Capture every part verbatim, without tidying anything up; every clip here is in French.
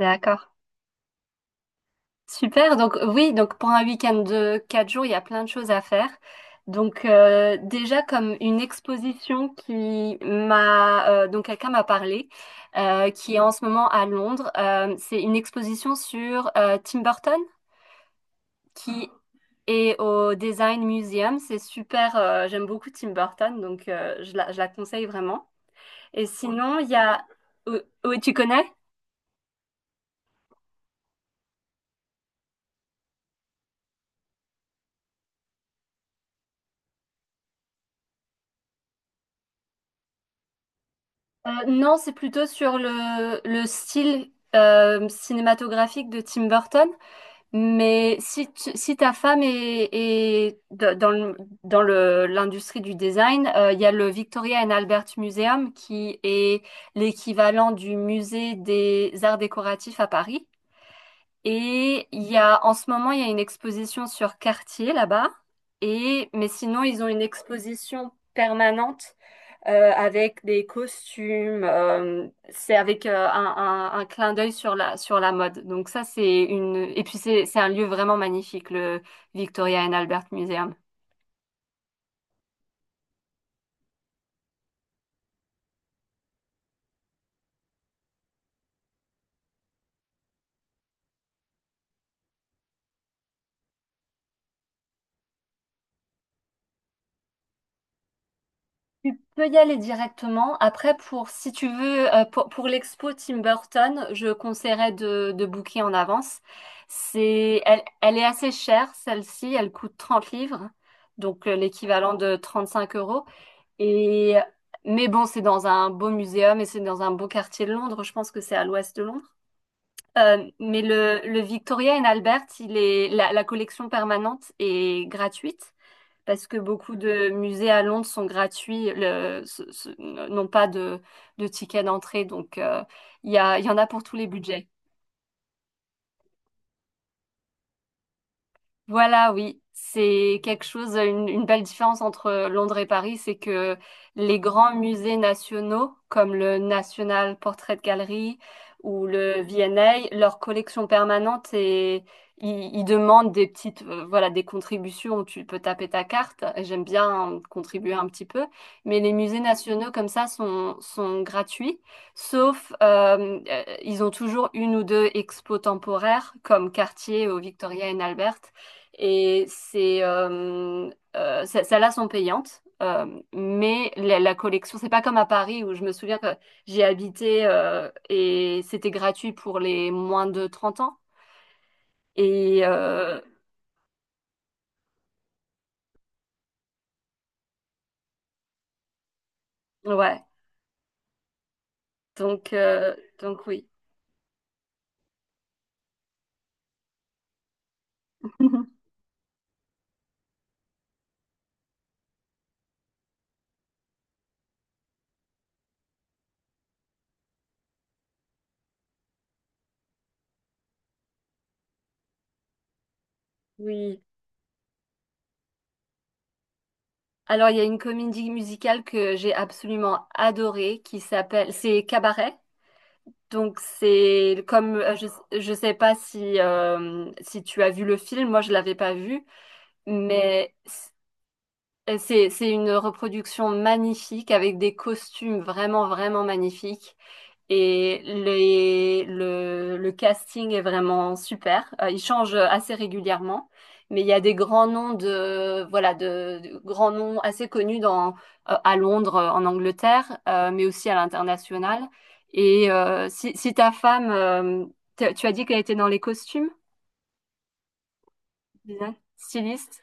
D'accord. Super. Donc oui, donc pour un week-end de quatre jours, il y a plein de choses à faire. Donc euh, déjà comme une exposition qui m'a euh, donc quelqu'un m'a parlé, euh, qui est en ce moment à Londres. Euh, c'est une exposition sur euh, Tim Burton qui est au Design Museum. C'est super. Euh, j'aime beaucoup Tim Burton, donc euh, je la, je la conseille vraiment. Et sinon, il y a. Oui, tu connais? Euh, non, c'est plutôt sur le, le style euh, cinématographique de Tim Burton. Mais si, tu- si ta femme est, est d- dans le, dans le- l'industrie du design, euh, il y a le Victoria and Albert Museum qui est l'équivalent du musée des arts décoratifs à Paris. Et il y a, en ce moment, il y a une exposition sur Cartier là-bas. Et, mais sinon, ils ont une exposition permanente euh, avec des costumes. Euh, c'est avec euh, un, un- un clin d'œil sur la, sur la mode. Donc ça, c'est une... Et puis c'est, c'est un lieu vraiment magnifique, le Victoria and Albert Museum. Tu peux y aller directement. Après, pour si tu veux, euh, pour, pour l'expo Tim Burton, je conseillerais de, de booker en avance. C'est, elle, elle est assez chère, celle-ci. Elle coûte trente livres, donc euh, l'équivalent de trente cinq euros. Et mais bon, c'est dans un beau muséum et c'est dans un beau quartier de Londres. Je pense que c'est à l'ouest de Londres. Euh, mais le, le Victoria and Albert, il est la, la collection permanente est gratuite parce que beaucoup de musées à Londres sont gratuits, le, ce- ce- n'ont pas de, de ticket d'entrée, donc euh, il y a, il y en a pour tous les budgets. Voilà, oui, c'est quelque chose, une, une belle différence entre Londres et Paris, c'est que les grands musées nationaux, comme le National Portrait Gallery ou le V A, leur collection permanente et ils, ils demandent des petites, euh, voilà, des contributions où tu peux taper ta carte. Et j'aime bien contribuer un petit peu, mais les musées nationaux comme ça sont, sont gratuits, sauf euh, euh, ils ont toujours une ou deux expos temporaires comme Cartier au Victoria and Albert. Et c'est, euh, euh, ce- celles-là sont payantes, euh, mais la, la collection, c'est pas comme à Paris où je me souviens que j'ai habité euh, et c'était gratuit pour les moins de trente ans. Et euh, ouais, donc, euh, donc oui. Oui. Alors, il y a une comédie musicale que j'ai absolument adorée qui s'appelle, c'est Cabaret. Donc, c'est comme, euh, je, je sais pas si, euh, si tu as vu le film, moi je l'avais pas vu, mais et C'est, c'est une reproduction magnifique avec des costumes vraiment, vraiment magnifiques. Et les- le, le casting est vraiment super. Euh, il change assez régulièrement, mais il y a des grands noms de, voilà, de, de grands noms assez connus dans, euh, à Londres, euh, en Angleterre, euh, mais aussi à l'international. Et euh, si, si ta femme, euh, t- tu as dit qu'elle était dans les costumes, design, styliste?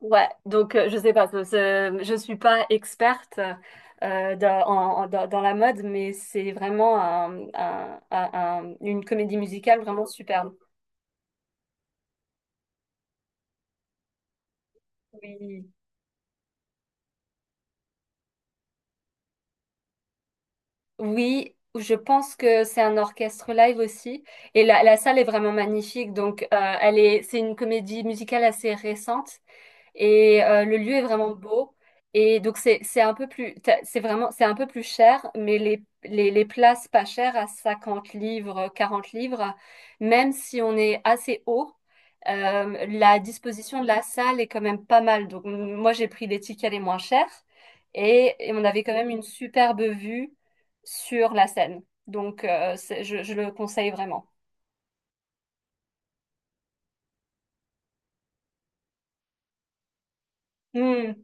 Ouais, donc euh, je sais pas, ce- ce- je suis pas experte euh, dans, en- en- dans- dans la mode, mais c'est vraiment un- un- un- un- une comédie musicale vraiment superbe. Oui. Oui, je pense que c'est un orchestre live aussi, et la, la salle est vraiment magnifique. Donc, euh, elle est, c'est une comédie musicale assez récente. Et euh, le lieu est vraiment beau. Et donc c'est c'est un peu plus t'as- c'est vraiment c'est un peu plus cher, mais les les, les places pas chères à cinquante livres, quarante livres, même si on est assez haut, euh, la disposition de la salle est quand même pas mal. Donc m- moi j'ai pris les tickets les moins chers et, et on avait quand même une superbe vue sur la Seine. Donc euh, c'est- je, je le conseille vraiment. Mmh.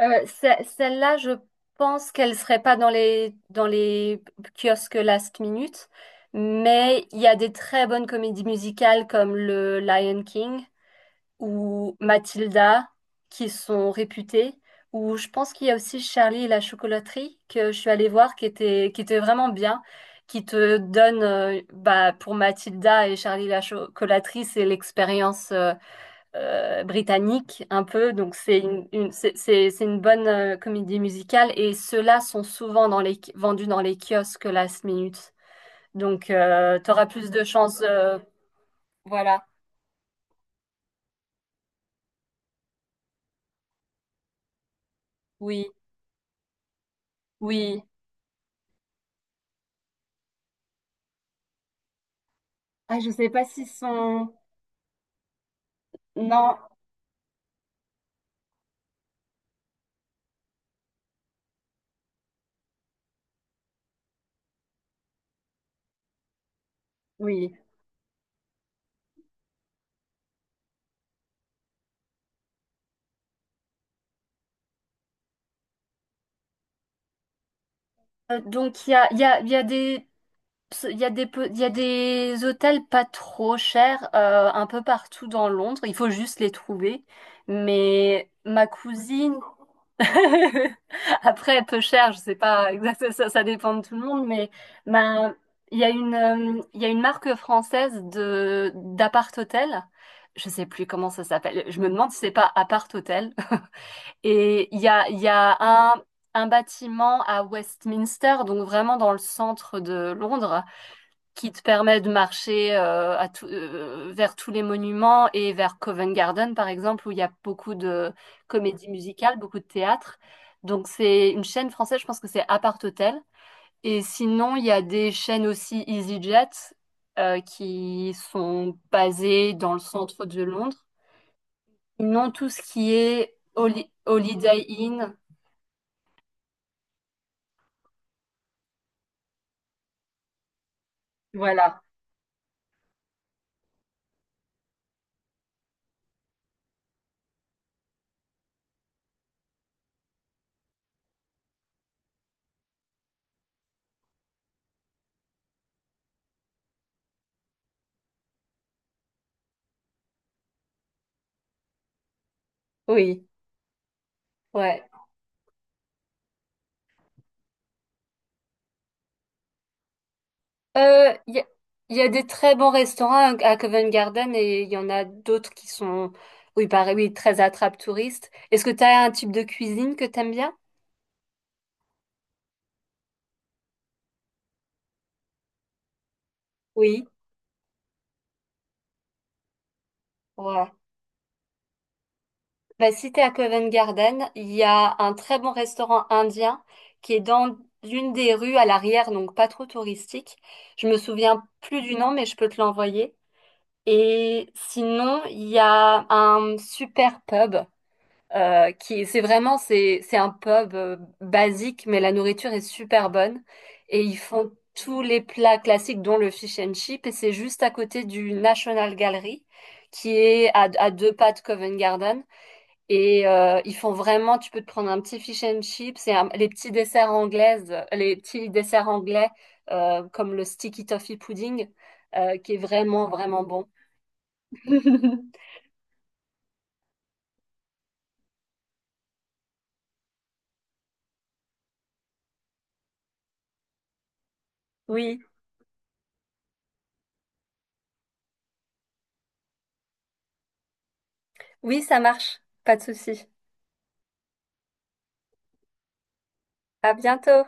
Euh, ce- celle-là, je pense qu'elle serait pas dans les, dans les kiosques last minute, mais il y a des très bonnes comédies musicales comme le Lion King ou Matilda qui sont réputées, ou je pense qu'il y a aussi Charlie et la chocolaterie que je suis allée voir qui était, qui était vraiment bien, qui te donne, euh, bah, pour Matilda et Charlie et la chocolaterie, c'est l'expérience. Euh, euh, britannique un peu, donc c'est une, une- c'est c'est- c'est une bonne euh, comédie musicale et ceux-là sont souvent dans les, vendus dans les kiosques last minute. Donc euh, t'auras plus de chances. Euh, voilà, oui, oui. Ah, je sais pas s'ils sont. Non, oui. Euh, donc il y a, il y a, il y a des. Il y a des, pe- il y a des hôtels pas trop chers euh, un peu partout dans Londres. Il faut juste les trouver. Mais ma cousine après, peu cher, je sais pas exactement, ça, ça dépend de tout le monde, mais ben, il y a une, euh, il y a une marque française de d'appart hôtel. Je sais plus comment ça s'appelle. Je me demande si c'est pas appart hôtel. Et il y a, il y a un, un bâtiment à Westminster, donc vraiment dans le centre de Londres qui te permet de marcher euh, à tout- euh, vers tous les monuments et vers Covent Garden, par exemple, où il y a beaucoup de comédies musicales, beaucoup de théâtre. Donc c'est une chaîne française, je pense que c'est Apart Hotel. Et sinon, il y a des chaînes aussi EasyJet euh, qui sont basées dans le centre de Londres. Sinon, tout ce qui est Holi- Holiday Inn, voilà. Oui. Ouais. Euh, Il y a, il y a des très bons restaurants à, à Covent Garden et il y en a d'autres qui sont, oui, pareil, oui, très attrape-touristes. Est-ce que tu as un type de cuisine que t'aimes bien? Oui. Ouais. Bah, si t'es à Covent Garden, il y a un très bon restaurant indien qui est dans une des rues à l'arrière, donc pas trop touristique. Je me souviens plus du nom, mais je peux te l'envoyer. Et sinon, il y a un super pub euh, qui c'est vraiment c'est c'est un pub euh, basique, mais la nourriture est super bonne et ils font tous les plats classiques dont le fish and chip et c'est juste à côté du National Gallery qui est à, à deux pas de Covent Garden et euh, ils font vraiment tu peux te prendre un petit fish and chip, c'est un- les petits desserts anglaises, les petits desserts anglais euh, comme le sticky toffee pudding euh, qui est vraiment vraiment bon. Oui, oui, ça marche, pas de souci. À bientôt.